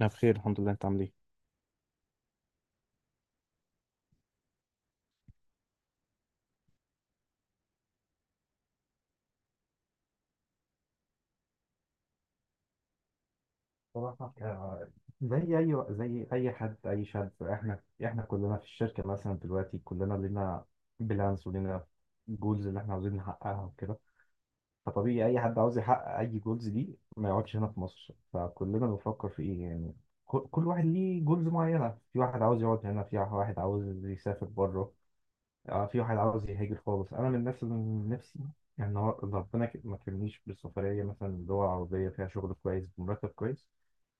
انا بخير، الحمد لله. انت عامل ايه؟ صراحة، زي أي حد أي شاب، إحنا كلنا في الشركة مثلا دلوقتي كلنا لينا بلانس ولينا جولز اللي إحنا عاوزين نحققها وكده. فطبيعي أي حد عاوز يحقق أي جولز دي ما يقعدش هنا في مصر، فكلنا بنفكر في إيه يعني. كل واحد ليه جولز معينة، في واحد عاوز يقعد هنا، في واحد عاوز يسافر بره، اه في واحد عاوز يهاجر خالص. انا من نفسي يعني هو ربنا ما كرمنيش بالسفريه، مثلا دول عربيه فيها شغل كويس بمرتب كويس،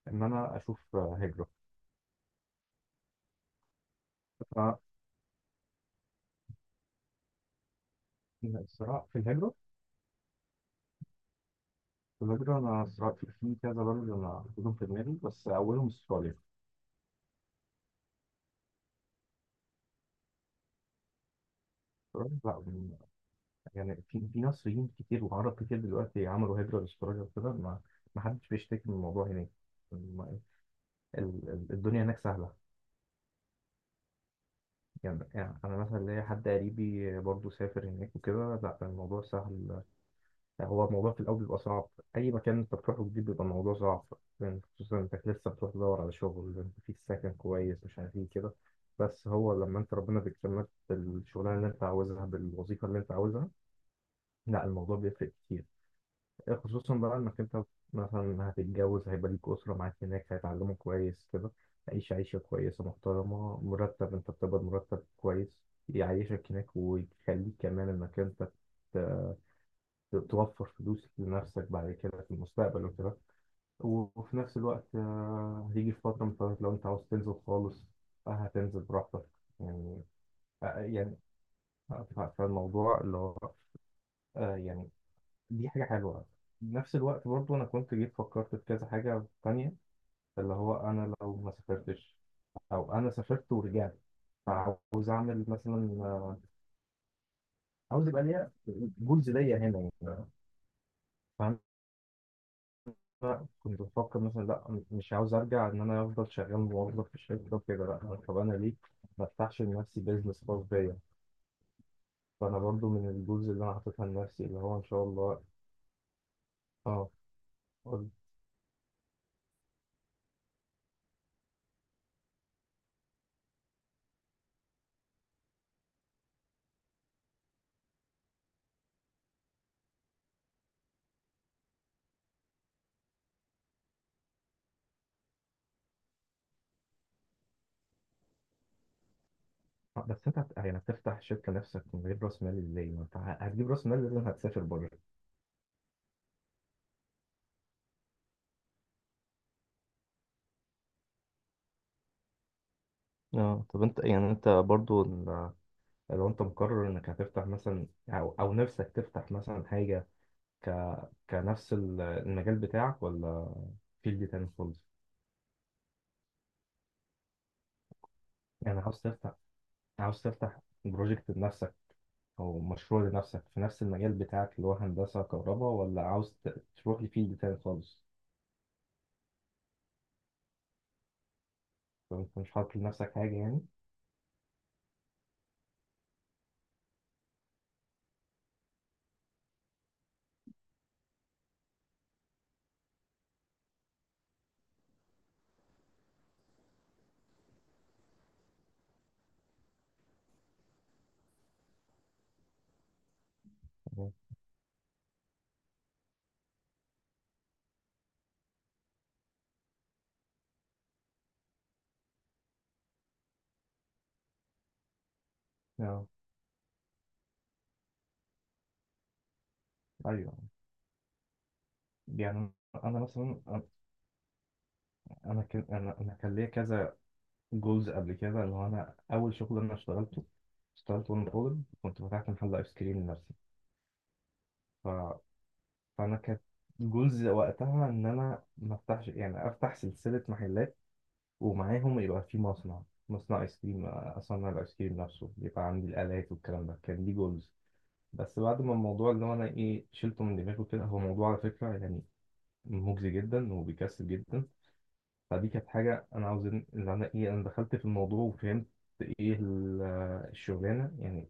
ان انا اشوف هجره. فالصراع في الهجره. انا صراع في كذا بلد انا حاططهم في دماغي، بس اولهم استراليا. استراليا بقى من- يعني في مصريين كتير وعرب كتير دلوقتي عملوا هجره لاستراليا وكده. ما حدش بيشتكي من الموضوع هناك. الم- الدنيا هناك سهله. يعني أنا مثلا ليا حد قريبي برضه سافر هناك وكده، لا الموضوع سهل. يعني هو الموضوع في الأول بيبقى صعب، أي مكان أنت بتروحه جديد بيبقى الموضوع صعب، يعني خصوصا إنك لسه بتروح تدور على شغل، أنت فيك سكن كويس، مش عارف إيه كده. بس هو لما أنت ربنا بيكرمك بالشغلانة اللي أنت عاوزها، بالوظيفة اللي أنت عاوزها، لا الموضوع بيفرق كتير، خصوصا بقى انك انت مثلا هتتجوز، هيبقى ليك اسره معاك هناك، هيتعلموا كويس كده، عيش عيشه كويسه محترمه، مرتب انت بتقبض مرتب كويس يعيشك هناك، ويخليك كمان انك انت ت- توفر فلوس لنفسك بعد كده في المستقبل وكده. وفي نفس الوقت، هيجي في فتره من الفترات لو انت عاوز تنزل خالص، هتنزل براحتك يعني. آه، يعني فالموضوع اللي هو، آه، يعني دي حاجة حلوة. نفس الوقت برضو أنا كنت جيت فكرت في كذا حاجة تانية، اللي هو أنا لو ما سافرتش أو أنا سافرت ورجعت، فعاوز أعمل مثلا، عاوز يبقى ليا جولز ليا هنا يعني، فاهم. كنت بفكر مثلا لا مش عاوز أرجع، إن أنا أفضل شغال موظف في الشركة وكده، لا طب أنا ليه ما أفتحش لنفسي بيزنس خاص بيا. فأنا برضو من الجولز اللي أنا حاططها لنفسي اللي هو إن شاء الله. أه. بس انت يعني هتفتح شركه نفسك من غير راس مال ازاي؟ ما انت هتجيب راس مال، لازم هتسافر بره. اه طب انت يعني انت برضو لو انت مقرر انك هتفتح مثلا، او نفسك تفتح مثلا حاجه، ك كنفس المجال بتاعك ولا فيلد تاني خالص. يعني عاوز تفتح بروجكت لنفسك، او مشروع لنفسك في نفس المجال بتاعك اللي هو هندسه كهرباء، ولا عاوز تروح لفيلد تاني خالص، لو انت مش حاطط لنفسك حاجه يعني. مم. اه، ايوه. يعني انا مثلا انا كان انا أنا كان ليا كذا جولز قبل كده، اللي هو انا اول شغل انا اشتغلته، اشتغلت وانا طالب، كنت فتحت محل ايس كريم لنفسي ف... فانا كانت جولز وقتها ان انا ما افتحش، يعني افتح سلسله محلات ومعاهم يبقى في مصنع، مصنع ايس كريم، اصنع الايس كريم نفسه، يبقى عندي الالات والكلام ده، كان دي جولز. بس بعد ما الموضوع اللي هو انا ايه شلته من دماغي كده، هو موضوع على فكره يعني مجزي جدا وبيكسب جدا. فدي كانت حاجة أنا عاوز إن إن أنا إيه أنا دخلت في الموضوع وفهمت إيه الشغلانة يعني.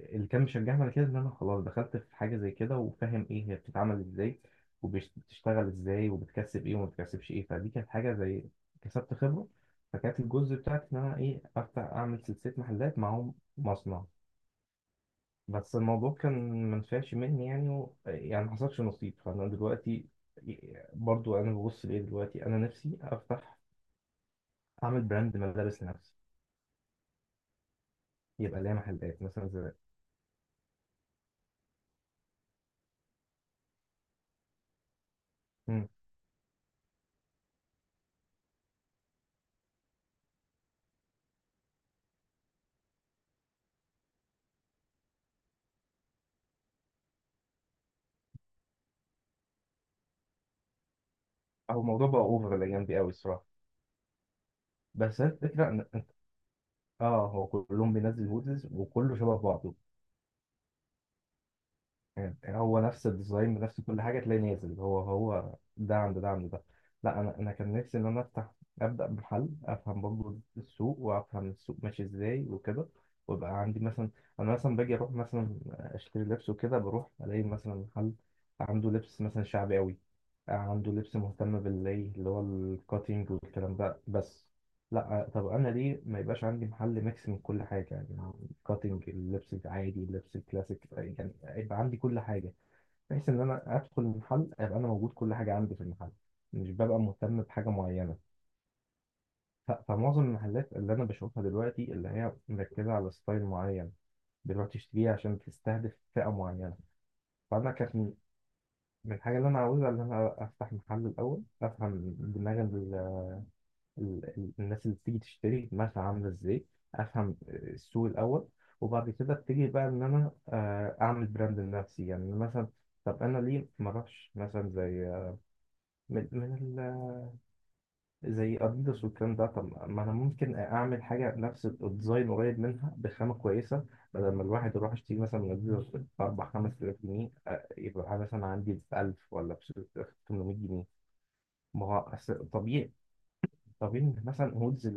اللي كان مشجعني على كده إن أنا خلاص دخلت في حاجة زي كده وفاهم إيه هي بتتعمل إزاي وبتشتغل إزاي وبتكسب إيه وما بتكسبش إيه، فدي كانت حاجة زي كسبت خبرة. فكانت الجزء بتاعتي إن أنا إيه أفتح أعمل سلسلة محلات معاهم مصنع، بس الموضوع كان منفعش مني يعني و... يعني ما حصلش نصيب. فأنا دلوقتي برضو انا ببص لايه، دلوقتي انا نفسي افتح، اعمل براند ملابس لنفسي، يبقى ليا محلات مثلا زي. مم. او الموضوع بقى اوفر الايام دي قوي الصراحه. بس هي الفكره اه هو كلهم بينزل هودز وكله شبه بعضه، هو نفس الديزاين بنفس كل حاجة، تلاقي نازل هو هو ده عند ده عند ده. لا أنا كان نفسي إن أنا أفتح، أبدأ بمحل، أفهم برضه السوق وأفهم السوق ماشي إزاي وكده، ويبقى عندي مثلا. أنا مثلا باجي أروح مثلا أشتري لبس وكده، بروح ألاقي مثلا محل عنده لبس مثلا شعبي أوي، عنده لبس مهتم بالإيه اللي هو الكاتينج والكلام ده بس. لا طب أنا ليه ما يبقاش عندي محل ميكس من كل حاجة يعني، كاتنج، اللبس العادي، اللبس الكلاسيك، يعني يبقى عندي كل حاجه، بحيث ان انا ادخل المحل يبقى انا موجود كل حاجه عندي في المحل، مش ببقى مهتم بحاجه معينه. فمعظم المحلات اللي انا بشوفها دلوقتي اللي هي مركزه على ستايل معين، بتروح تشتريه عشان تستهدف فئه معينه. فانا كانت من الحاجه اللي انا عاوزها ان انا افتح محل الاول، افهم دماغ الناس اللي بتيجي تشتري دماغها عاملة ازاي، افهم السوق الاول، وبعد كده ابتدي بقى ان انا اعمل براند لنفسي يعني. مثلا طب انا ليه ما اروحش مثلا زي من ال... زي اديداس والكلام ده، طب ما انا ممكن اعمل حاجه نفس الديزاين قريب منها بخامه كويسه، بدل ما الواحد يروح يشتري مثلا من اديداس باربع خمس تلاف جنيه، يبقى مثلا عندي ب 1000 ولا ب 800 جنيه. ما هو أصل طبيعي، طبيعي إن مثلا هودز،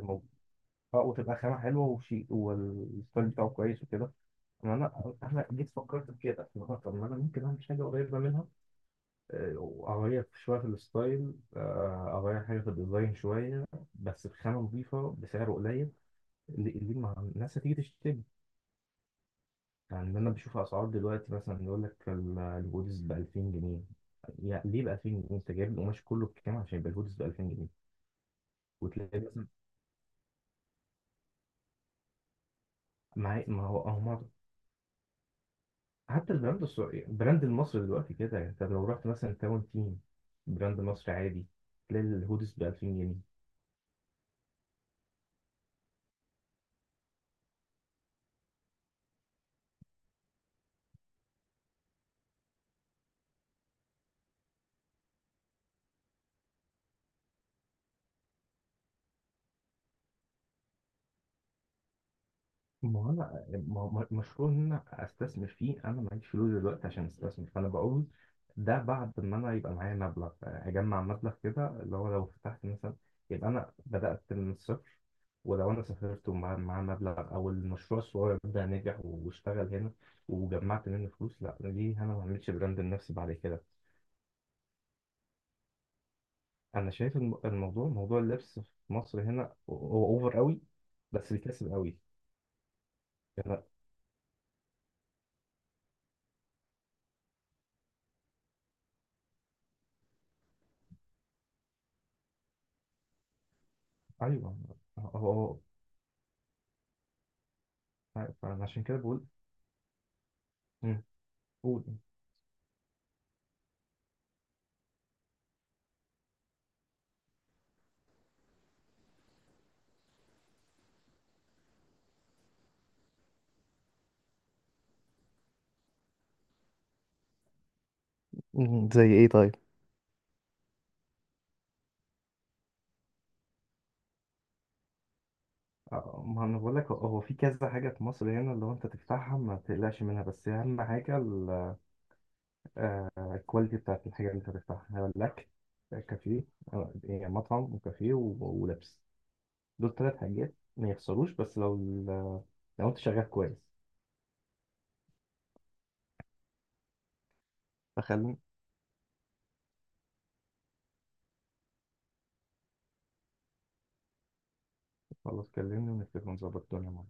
اه وتبقى خامة حلوة وشيء والستايل بتاعه كويس وكده. أما أنا جيت فكرت في كده اللي هو، طب ما أنا ممكن أعمل حاجة قريبة منها، وأغير شوية في الستايل، أغير حاجة في الديزاين شوية، بس بخامة نظيفة بسعر قليل، اللي ما- الناس هتيجي تشتري. يعني أنا بشوف أسعار دلوقتي مثلا يقول لك الهودز ب 2000 جنيه، يعني ليه ب 2000 جنيه؟ أنت جايب القماش كله بكام عشان يبقى الهودز ب 2000 جنيه؟ وتلاقي مثلا معايا، ما هو هم، حتى البراند السعودي، البراند المصري دلوقتي كده، انت لو رحت مثلا تاون تيم، براند مصري عادي، تلاقي الهودز ب 2000 جنيه. ما هو انا، ما هو مشروع ان انا استثمر فيه، انا معيش فلوس دلوقتي عشان استثمر، فانا بقول ده بعد ما انا يبقى معايا مبلغ، اجمع مبلغ كده، اللي هو لو فتحت مثلا يبقى انا بدأت من الصفر، ولو انا سافرت مع مبلغ او المشروع الصغير ده نجح واشتغل هنا وجمعت منه فلوس، لا ليه انا ما اعملش براند لنفسي بعد كده. انا شايف الموضوع، موضوع اللبس في مصر هنا هو اوفر قوي، بس بيكسب قوي يعني. ايوه. هو هو. عارف، انا عشان كده بقول. مم، قول. مم، زي ايه طيب؟ ما انا بقول لك، هو هو في كذا حاجه في مصر هنا اللي هو انت تفتحها ما تقلقش منها، بس اهم حاجه الكواليتي بتاعت الحاجه اللي انت تفتحها، لك كافيه، يعني مطعم وكافيه و- ولبس، دول ثلاث حاجات ما يخسروش، بس لو لو انت شغال كويس. فخليني. خلاص، كلمني ونتفق ونظبط الدنيا.